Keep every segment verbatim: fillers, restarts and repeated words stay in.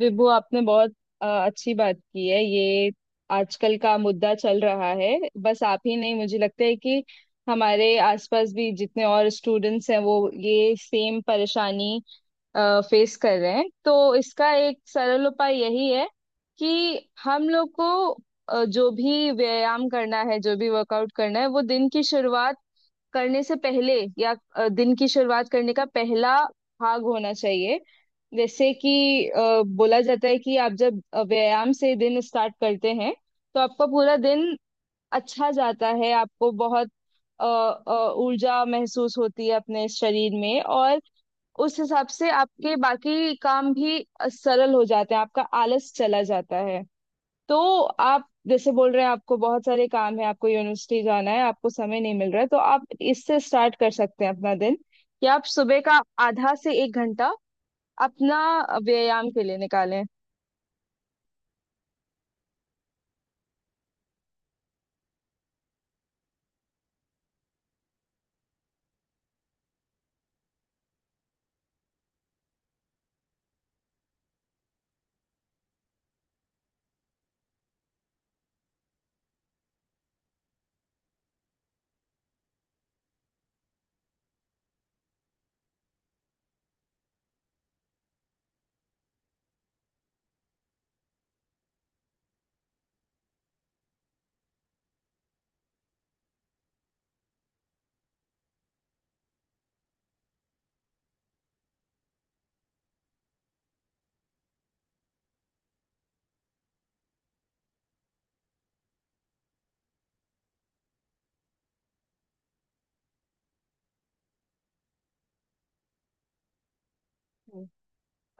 विभु, आपने बहुत अ, अच्छी बात की है। ये आजकल का मुद्दा चल रहा है। बस आप ही नहीं, मुझे लगता है कि हमारे आसपास भी जितने और स्टूडेंट्स हैं वो ये सेम परेशानी फेस कर रहे हैं। तो इसका एक सरल उपाय यही है कि हम लोग को अ, जो भी व्यायाम करना है, जो भी वर्कआउट करना है, वो दिन की शुरुआत करने से पहले या अ, दिन की शुरुआत करने का पहला भाग होना चाहिए। जैसे कि अ, बोला जाता है कि आप जब अ, व्यायाम से दिन स्टार्ट करते हैं तो आपका पूरा दिन अच्छा जाता है, आपको बहुत अ, अ, ऊर्जा महसूस होती है अपने शरीर में। और उस हिसाब से आपके बाकी काम भी अ, सरल हो जाते हैं, आपका आलस चला जाता है। तो आप जैसे बोल रहे हैं आपको बहुत सारे काम है, आपको यूनिवर्सिटी जाना है, आपको समय नहीं मिल रहा है, तो आप इससे स्टार्ट कर सकते हैं अपना दिन, कि आप सुबह का आधा से एक घंटा अपना व्यायाम के लिए निकालें।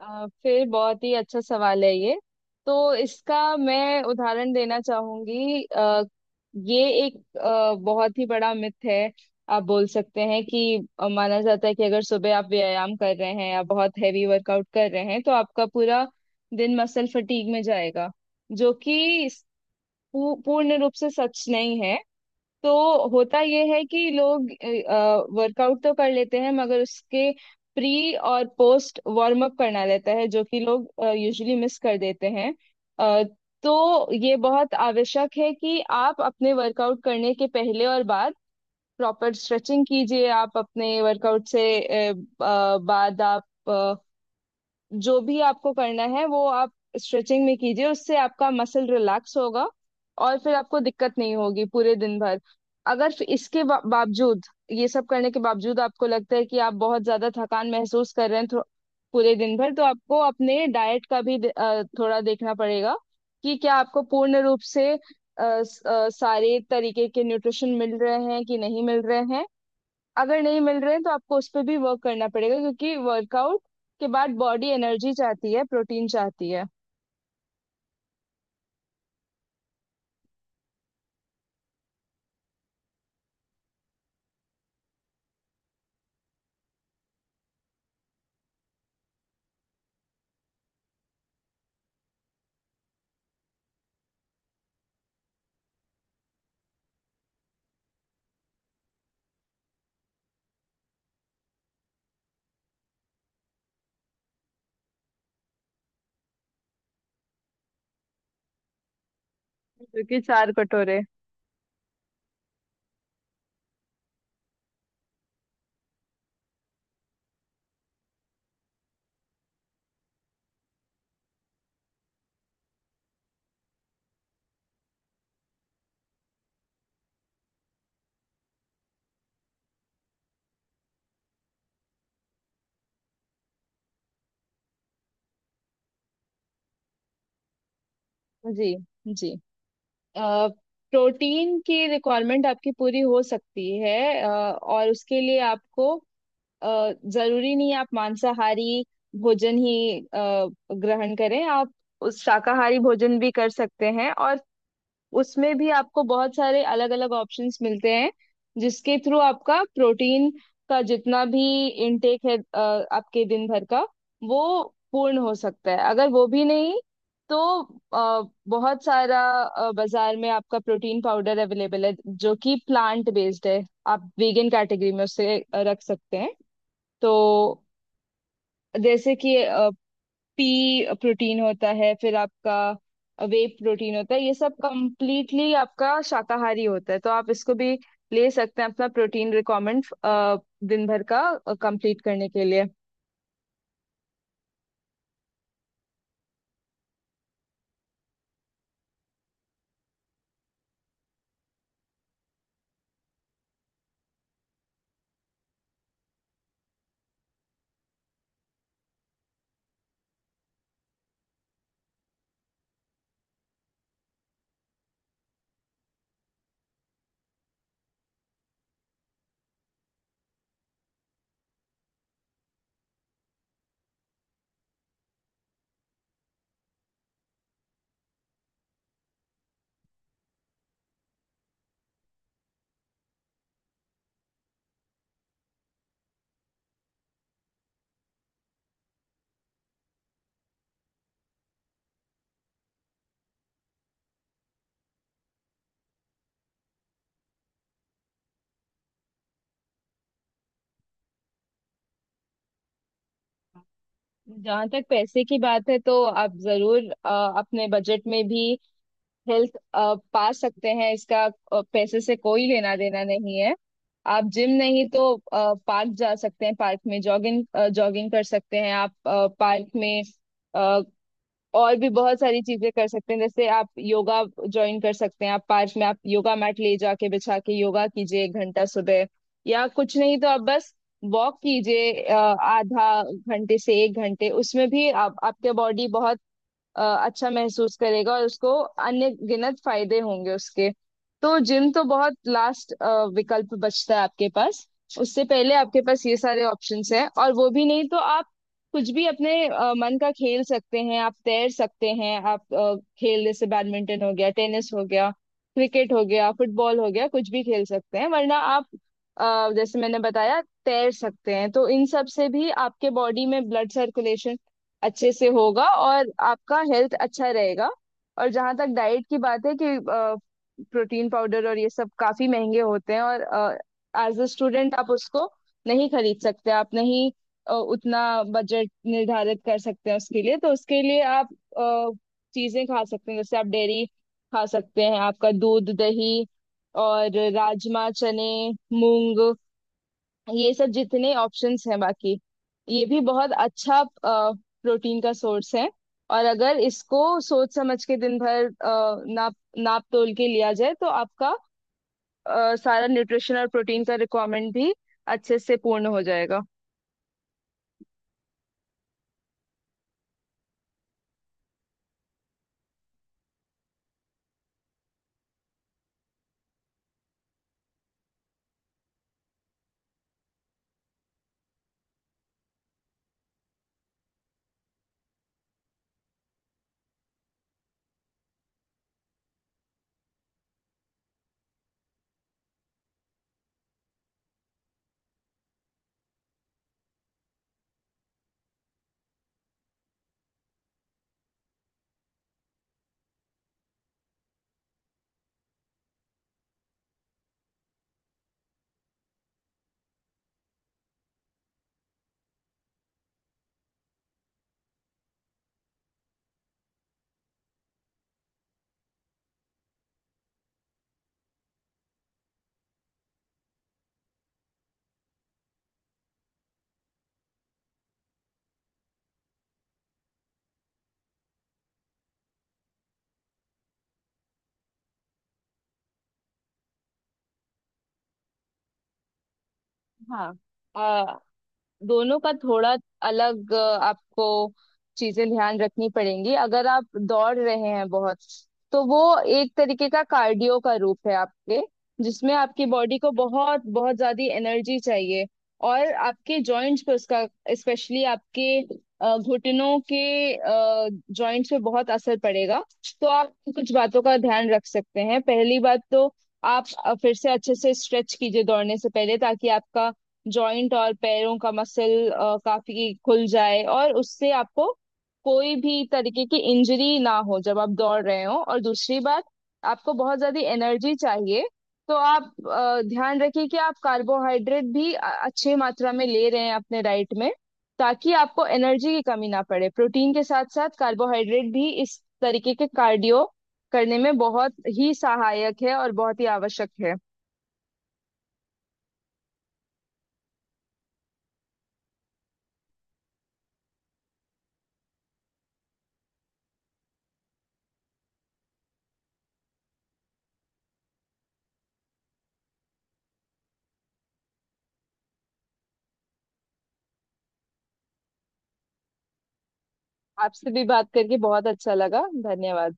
अ, फिर बहुत ही अच्छा सवाल है ये। तो इसका मैं उदाहरण देना चाहूंगी। अ, ये एक अ, बहुत ही बड़ा मिथ है। आप बोल सकते हैं कि अ, माना जाता है कि अगर सुबह आप व्यायाम कर रहे हैं या बहुत हैवी वर्कआउट कर रहे हैं तो आपका पूरा दिन मसल फटीग में जाएगा, जो कि पू- पूर्ण रूप से सच नहीं है। तो होता यह है कि लोग वर्कआउट तो कर लेते हैं मगर उसके प्री और पोस्ट वार्म अप करना रहता है जो कि लोग यूजुअली मिस कर देते हैं। अ, तो ये बहुत आवश्यक है कि आप अपने वर्कआउट करने के पहले और बाद प्रॉपर स्ट्रेचिंग कीजिए। आप अपने वर्कआउट से अ, अ, बाद आप जो भी आपको करना है वो आप स्ट्रेचिंग में कीजिए। उससे आपका मसल रिलैक्स होगा और फिर आपको दिक्कत नहीं होगी पूरे दिन भर। अगर फिर इसके बा- बावजूद, ये सब करने के बावजूद आपको लगता है कि आप बहुत ज्यादा थकान महसूस कर रहे हैं थो- पूरे दिन भर, तो आपको अपने डाइट का भी दे- अ, थोड़ा देखना पड़ेगा कि क्या आपको पूर्ण रूप से अ, स- अ, सारे तरीके के न्यूट्रिशन मिल रहे हैं कि नहीं मिल रहे हैं। अगर नहीं मिल रहे हैं तो आपको उस पर भी वर्क करना पड़ेगा, क्योंकि वर्कआउट के बाद बॉडी एनर्जी चाहती है, प्रोटीन चाहती है। जो कि चार कटोरे। जी जी, प्रोटीन की रिक्वायरमेंट आपकी पूरी हो सकती है। अ, और उसके लिए आपको अ, जरूरी नहीं है आप मांसाहारी भोजन ही अ, ग्रहण करें। आप उस शाकाहारी भोजन भी कर सकते हैं और उसमें भी आपको बहुत सारे अलग अलग ऑप्शंस मिलते हैं जिसके थ्रू आपका प्रोटीन का जितना भी इनटेक है अ, आपके दिन भर का, वो पूर्ण हो सकता है। अगर वो भी नहीं तो अ, बहुत सारा अ, बाजार में आपका प्रोटीन पाउडर अवेलेबल है जो कि प्लांट बेस्ड है। आप वीगन कैटेगरी में उसे अ, रख सकते हैं। तो जैसे कि पी प्रोटीन होता है, फिर आपका वे प्रोटीन होता है। ये सब कंप्लीटली आपका शाकाहारी होता है, तो आप इसको भी ले सकते हैं अपना प्रोटीन रिक्वायरमेंट दिन भर का कंप्लीट करने के लिए। जहाँ तक पैसे की बात है तो आप जरूर अ, अपने बजट में भी हेल्थ पा सकते हैं। इसका अ, पैसे से कोई लेना देना नहीं है। आप जिम नहीं तो पार्क जा सकते हैं, पार्क में जॉगिंग जॉगिंग कर सकते हैं। आप पार्क में और भी बहुत सारी चीजें कर सकते हैं, जैसे आप योगा ज्वाइन कर सकते हैं, आप पार्क में आप योगा मैट ले जाके बिछा के योगा कीजिए एक घंटा सुबह। या कुछ नहीं तो आप बस वॉक कीजिए अ, आधा घंटे से एक घंटे। उसमें भी आप आपके बॉडी बहुत अ, अच्छा महसूस करेगा और उसको अन्य गिनत फायदे होंगे उसके। तो जिम तो बहुत लास्ट विकल्प बचता है आपके पास। उससे पहले आपके पास ये सारे ऑप्शंस हैं। और वो भी नहीं तो आप कुछ भी अपने अ, मन का खेल सकते हैं। आप तैर सकते हैं, आप अ, खेल जैसे बैडमिंटन हो गया, टेनिस हो गया, क्रिकेट हो गया, फुटबॉल हो गया, कुछ भी खेल सकते हैं। वरना आप अ, जैसे मैंने बताया तैर सकते हैं। तो इन सब से भी आपके बॉडी में ब्लड सर्कुलेशन अच्छे से होगा और आपका हेल्थ अच्छा रहेगा। और जहाँ तक डाइट की बात है कि प्रोटीन पाउडर और ये सब काफी महंगे होते हैं, और एज अ स्टूडेंट आप उसको नहीं खरीद सकते, आप नहीं अ, उतना बजट निर्धारित कर सकते हैं उसके लिए। तो उसके लिए आप अ, चीजें खा सकते हैं, जैसे आप डेयरी खा सकते हैं, आपका दूध दही, और राजमा, चने, मूंग, ये सब जितने ऑप्शंस हैं बाकी, ये भी बहुत अच्छा प्रोटीन का सोर्स है। और अगर इसको सोच समझ के दिन भर अ, नाप नाप तोल के लिया जाए तो आपका अ, सारा न्यूट्रिशन और प्रोटीन का रिक्वायरमेंट भी अच्छे से पूर्ण हो जाएगा। हाँ, अ, दोनों का थोड़ा अलग अ, आपको चीजें ध्यान रखनी पड़ेंगी। अगर आप दौड़ रहे हैं बहुत, तो वो एक तरीके का कार्डियो का रूप है आपके, जिसमें आपकी बॉडी को बहुत बहुत ज्यादा एनर्जी चाहिए। और आपके जॉइंट्स पे उसका, स्पेशली आपके अ, घुटनों के जॉइंट्स पे बहुत असर पड़ेगा। तो आप कुछ बातों का ध्यान रख सकते हैं। पहली बात तो आप अ, फिर से अच्छे से स्ट्रेच कीजिए दौड़ने से पहले, ताकि आपका जॉइंट और पैरों का मसल काफी खुल जाए और उससे आपको कोई भी तरीके की इंजरी ना हो जब आप दौड़ रहे हो। और दूसरी बात, आपको बहुत ज्यादा एनर्जी चाहिए, तो आप अ, ध्यान रखिए कि आप कार्बोहाइड्रेट भी अ- अच्छी मात्रा में ले रहे हैं अपने डाइट में, ताकि आपको एनर्जी की कमी ना पड़े। प्रोटीन के साथ साथ कार्बोहाइड्रेट भी इस तरीके के कार्डियो करने में बहुत ही सहायक है और बहुत ही आवश्यक है। आपसे भी बात करके बहुत अच्छा लगा। धन्यवाद।